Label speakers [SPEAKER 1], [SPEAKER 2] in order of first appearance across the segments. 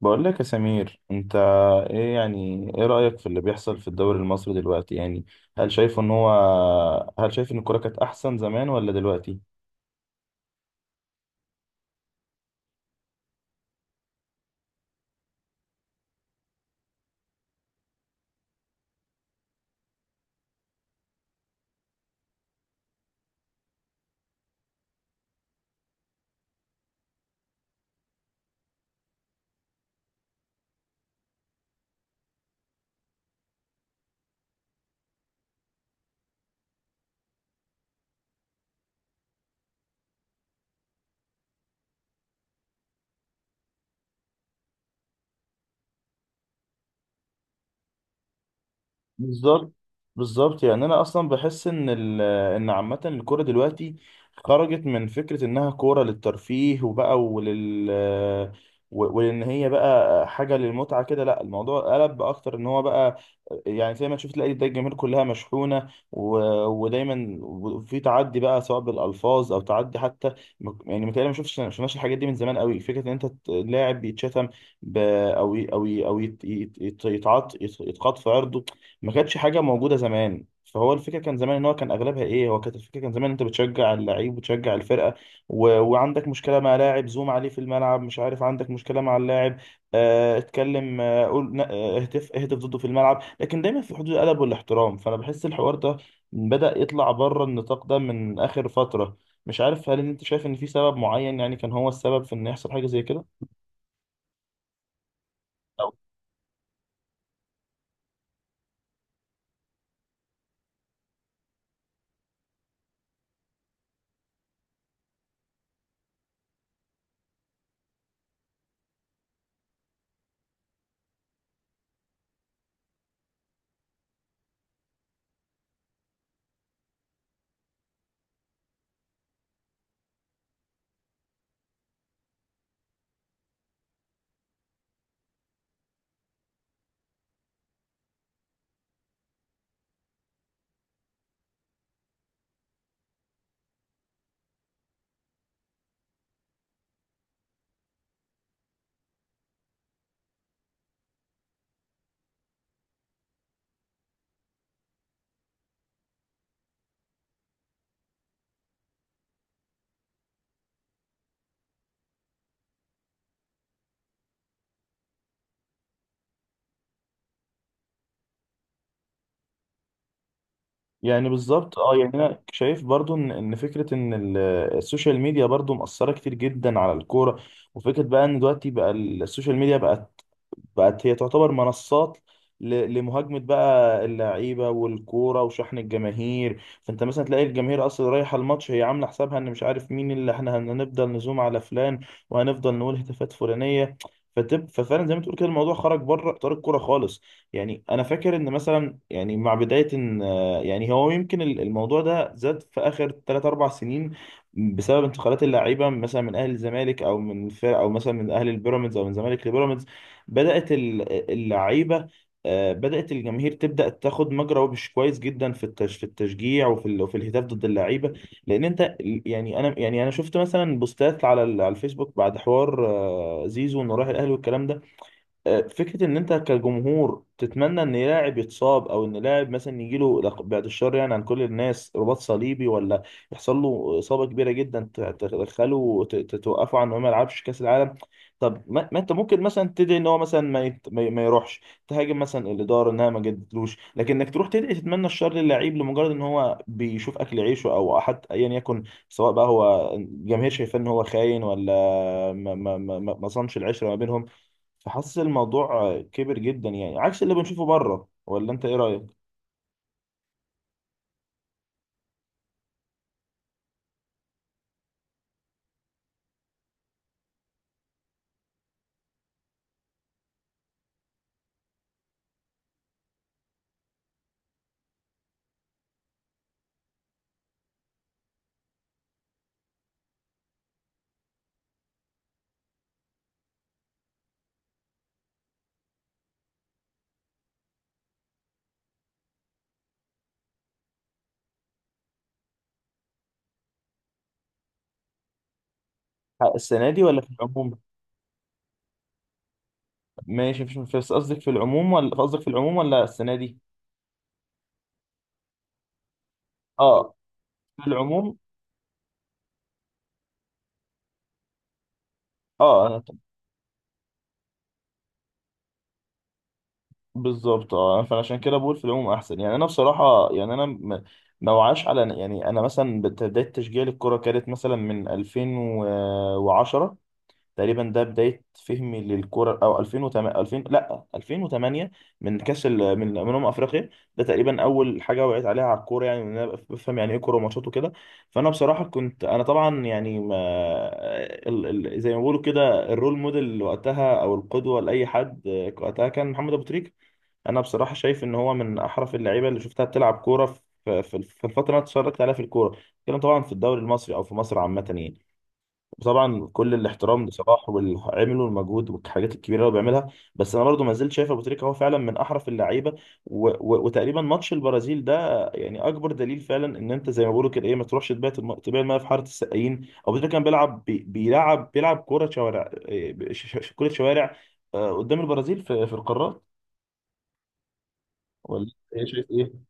[SPEAKER 1] بقول لك يا سمير، انت ايه رأيك في اللي بيحصل في الدوري المصري دلوقتي؟ يعني هل شايف ان هو هل شايف ان الكورة كانت احسن زمان ولا دلوقتي؟ بالظبط، بالظبط. يعني انا اصلا بحس ان عامه الكوره دلوقتي خرجت من فكره انها كوره للترفيه وان هي بقى حاجه للمتعه كده. لا، الموضوع قلب اكتر ان هو بقى، يعني زي ما تشوف، تلاقي ده الجماهير كلها مشحونه، ودايما في تعدي بقى، سواء بالالفاظ او تعدي حتى. يعني متهيألي ما شفتش، ما شفناش الحاجات دي من زمان قوي، فكره ان انت لاعب بيتشتم، ب... او ي- او ي- او يت... يتقاط في عرضه. ما كانتش حاجه موجوده زمان. فهو الفكره كان زمان ان هو كان اغلبها ايه هو، كانت الفكره كان زمان انت بتشجع اللعيب وتشجع الفرقه، وعندك مشكله مع لاعب، زوم عليه في الملعب، مش عارف، عندك مشكله مع اللاعب، اتكلم، آه، قول ن- آه، اهتف اهتف ضده في الملعب، لكن دايما في حدود الادب والاحترام. فانا بحس الحوار ده بدأ يطلع بره النطاق ده من اخر فتره. مش عارف، هل انت شايف ان في سبب معين يعني كان هو السبب في ان يحصل حاجه زي كده؟ يعني بالظبط. اه، يعني انا شايف برضو ان فكره السوشيال ميديا برضو مأثره كتير جدا على الكوره، وفكره بقى ان دلوقتي بقى السوشيال ميديا بقت هي تعتبر منصات لمهاجمة بقى اللعيبة والكورة وشحن الجماهير. فانت مثلا تلاقي الجماهير اصلا رايحة الماتش هي عاملة حسابها ان مش عارف مين اللي احنا هنفضل نزوم على فلان، وهنفضل نقول هتافات فلانية. ففعلا زي ما تقول كده، الموضوع خرج بره اطار الكوره خالص. يعني انا فاكر ان مثلا، يعني مع بدايه ان يعني هو يمكن الموضوع ده زاد في اخر 3 4 سنين، بسبب انتقالات اللاعيبه مثلا من اهل الزمالك او من فرق، او مثلا من اهل البيراميدز او من زمالك لبيراميدز. بدأت اللعيبة، بدأت الجماهير تبدأ تاخد مجرى وبش كويس جدا في في التشجيع، وفي وفي الهتاف ضد اللعيبة. لأن أنت يعني أنا شفت مثلا بوستات على على الفيسبوك بعد حوار، زيزو إنه راح الأهلي والكلام ده. فكرة إن أنت كجمهور تتمنى إن لاعب يتصاب، أو إن لاعب مثلا يجيله بعد الشر يعني عن كل الناس رباط صليبي، ولا يحصل له إصابة كبيرة جدا توقفه عن إنه ما يلعبش كأس العالم. طب ما أنت ممكن مثلا تدعي إن هو مثلا ما, يت... ما, ي- ما يروحش، تهاجم مثلا الإدارة إنها ما جددتلوش، لكن إنك تروح تدعي تتمنى الشر للعيب لمجرد إن هو بيشوف أكل عيشه، أو حتى أيا يكن، سواء بقى هو الجماهير شايفاه إن هو خاين ولا ما صانش العشرة ما بينهم. فحاسس الموضوع كبر جدا يعني، عكس اللي بنشوفه بره. ولا انت ايه رايك؟ السنه دي ولا في العموم؟ ماشي، مفيش مشكلة. بس قصدك في العموم ولا السنه دي؟ اه، في العموم. اه، انا. بالظبط، اه، فعشان كده بقول في العموم احسن. يعني انا بصراحه، يعني انا ما وعاش على، يعني انا مثلا بدايه تشجيع الكره كانت مثلا من 2010 تقريبا، ده بداية فهمي للكرة، أو 2008 2000 لا 2008، من كأس من أمم أفريقيا. ده تقريبا أول حاجة وعيت عليها على الكورة، يعني إن أنا بفهم يعني إيه كورة وماتشات وكده. فأنا بصراحة كنت أنا طبعا يعني ما زي ما بيقولوا كده، الرول موديل وقتها أو القدوة لأي حد وقتها، كان محمد أبو تريكة. أنا بصراحة شايف إن هو من أحرف اللعيبة اللي شفتها بتلعب كورة في الفترة اللي أنا اتفرجت عليها في الكورة، كان طبعا في الدوري المصري أو في مصر عامة يعني. وطبعا كل الاحترام لصلاح واللي عمله والمجهود والحاجات الكبيره اللي هو بيعملها، بس انا برضو ما زلت شايف ابو تريكه هو فعلا من احرف اللعيبه. وتقريبا ماتش البرازيل ده يعني اكبر دليل فعلا ان انت زي ما بيقولوا كده، ايه، ما تروحش تبيع تبيع الميه في حاره السقايين. ابو تريكه كان بيلعب بي... بيلعب بيلعب كوره شوارع، إيه، ب- ش... ش... كوره شوارع آه، قدام البرازيل في القارات. ولا ايه شايف ايه؟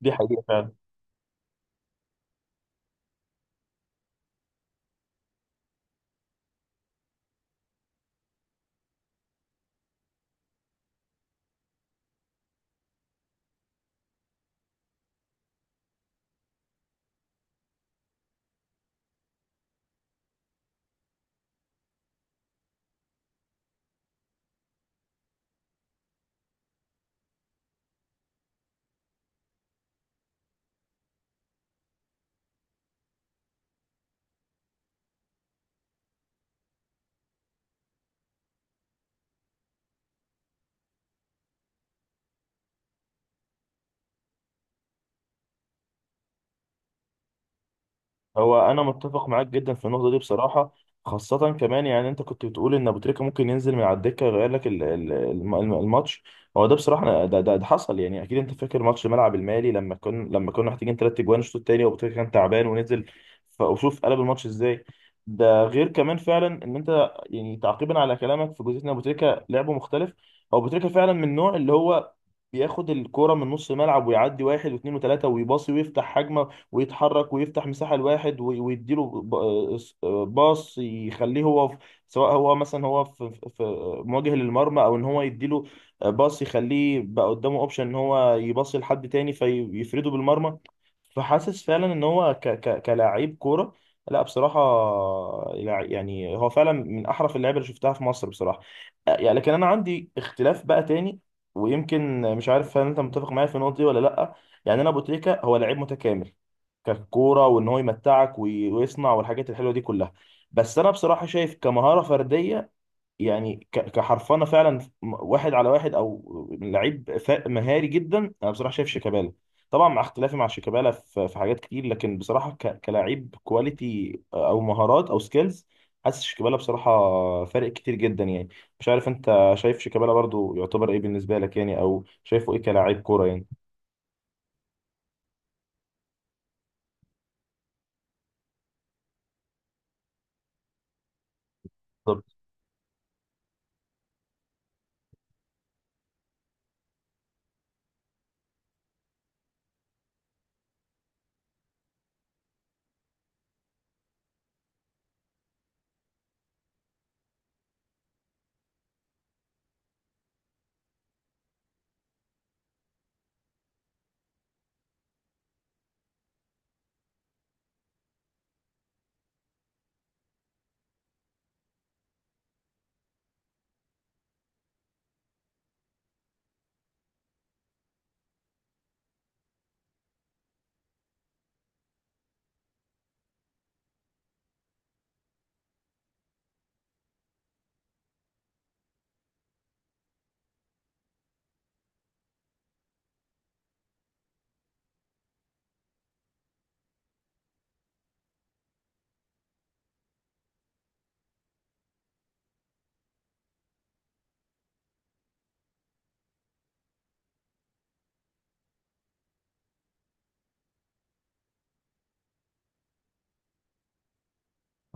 [SPEAKER 1] دي حقيقه فعلا. هو انا متفق معاك جدا في النقطه دي بصراحه، خاصه كمان، يعني انت كنت بتقول ان ابو تريكه ممكن ينزل من على الدكه يغير لك الماتش. هو ده بصراحه ده حصل. يعني اكيد انت فاكر ماتش ملعب المالي لما كنا، محتاجين ثلاث اجوان الشوط الثاني، وابو تريكه كان تعبان ونزل، وشوف قلب الماتش ازاي. ده غير كمان فعلا ان انت يعني، تعقيبا على كلامك في جزئيه ان ابو تريكه لعبه مختلف. هو ابو تريكه فعلا من النوع اللي هو بياخد الكوره من نص الملعب ويعدي واحد واثنين وثلاثه، ويباصي ويفتح هجمه، ويتحرك ويفتح مساحة لواحد وي- ويديله ب- آه، س- آه، باص يخليه هو في، سواء هو مثلا هو في مواجه للمرمى، او ان هو يديله باص يخليه بقى قدامه اوبشن ان هو يباصي لحد تاني فيفرده بالمرمى. فحاسس فعلا ان هو ك ك كلاعب كورة، لا بصراحة، يعني هو فعلا من أحرف اللعيبة اللي شفتها في مصر بصراحة. يعني لكن أنا عندي اختلاف بقى تاني، ويمكن مش عارف هل أنت متفق معايا في النقطة دي ولا لأ. يعني أنا أبو تريكة هو لعيب متكامل ككوره، وان هو يمتعك ويصنع، والحاجات الحلوه دي كلها. بس انا بصراحه شايف كمهاره فرديه، يعني كحرفنه فعلا، واحد على واحد، او لعيب مهاري جدا، انا بصراحه شايف شيكابالا. طبعا مع اختلافي مع شيكابالا في في حاجات كتير، لكن بصراحه كلاعب كواليتي او مهارات او سكيلز، حاسس شيكابالا بصراحه فارق كتير جدا يعني. مش عارف انت شايف شيكابالا برضو يعتبر ايه بالنسبه لك يعني، او شايفه ايه كلاعب كوره يعني؟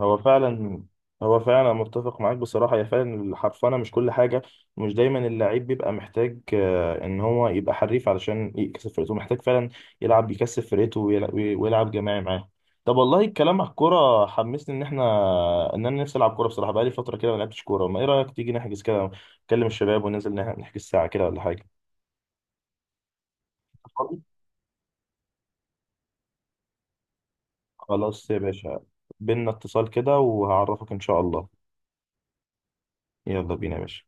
[SPEAKER 1] هو فعلا، هو فعلا متفق معاك بصراحة. هي فعلا الحرفنة مش كل حاجة، مش دايما اللعيب بيبقى محتاج إن هو يبقى حريف علشان يكسب فرقته، محتاج فعلا يلعب يكسب فرقته ويلعب جماعي معاه. طب والله الكلام على الكورة حمسني إن إحنا إن أنا نفسي ألعب كورة بصراحة، بقالي فترة كده ما لعبتش كورة. ما إيه رأيك تيجي نحجز كده، نكلم الشباب وننزل نحجز ساعة كده ولا حاجة؟ فاضي؟ خلاص يا باشا، بينا اتصال كده وهعرفك إن شاء الله. يلا بينا يا باشا.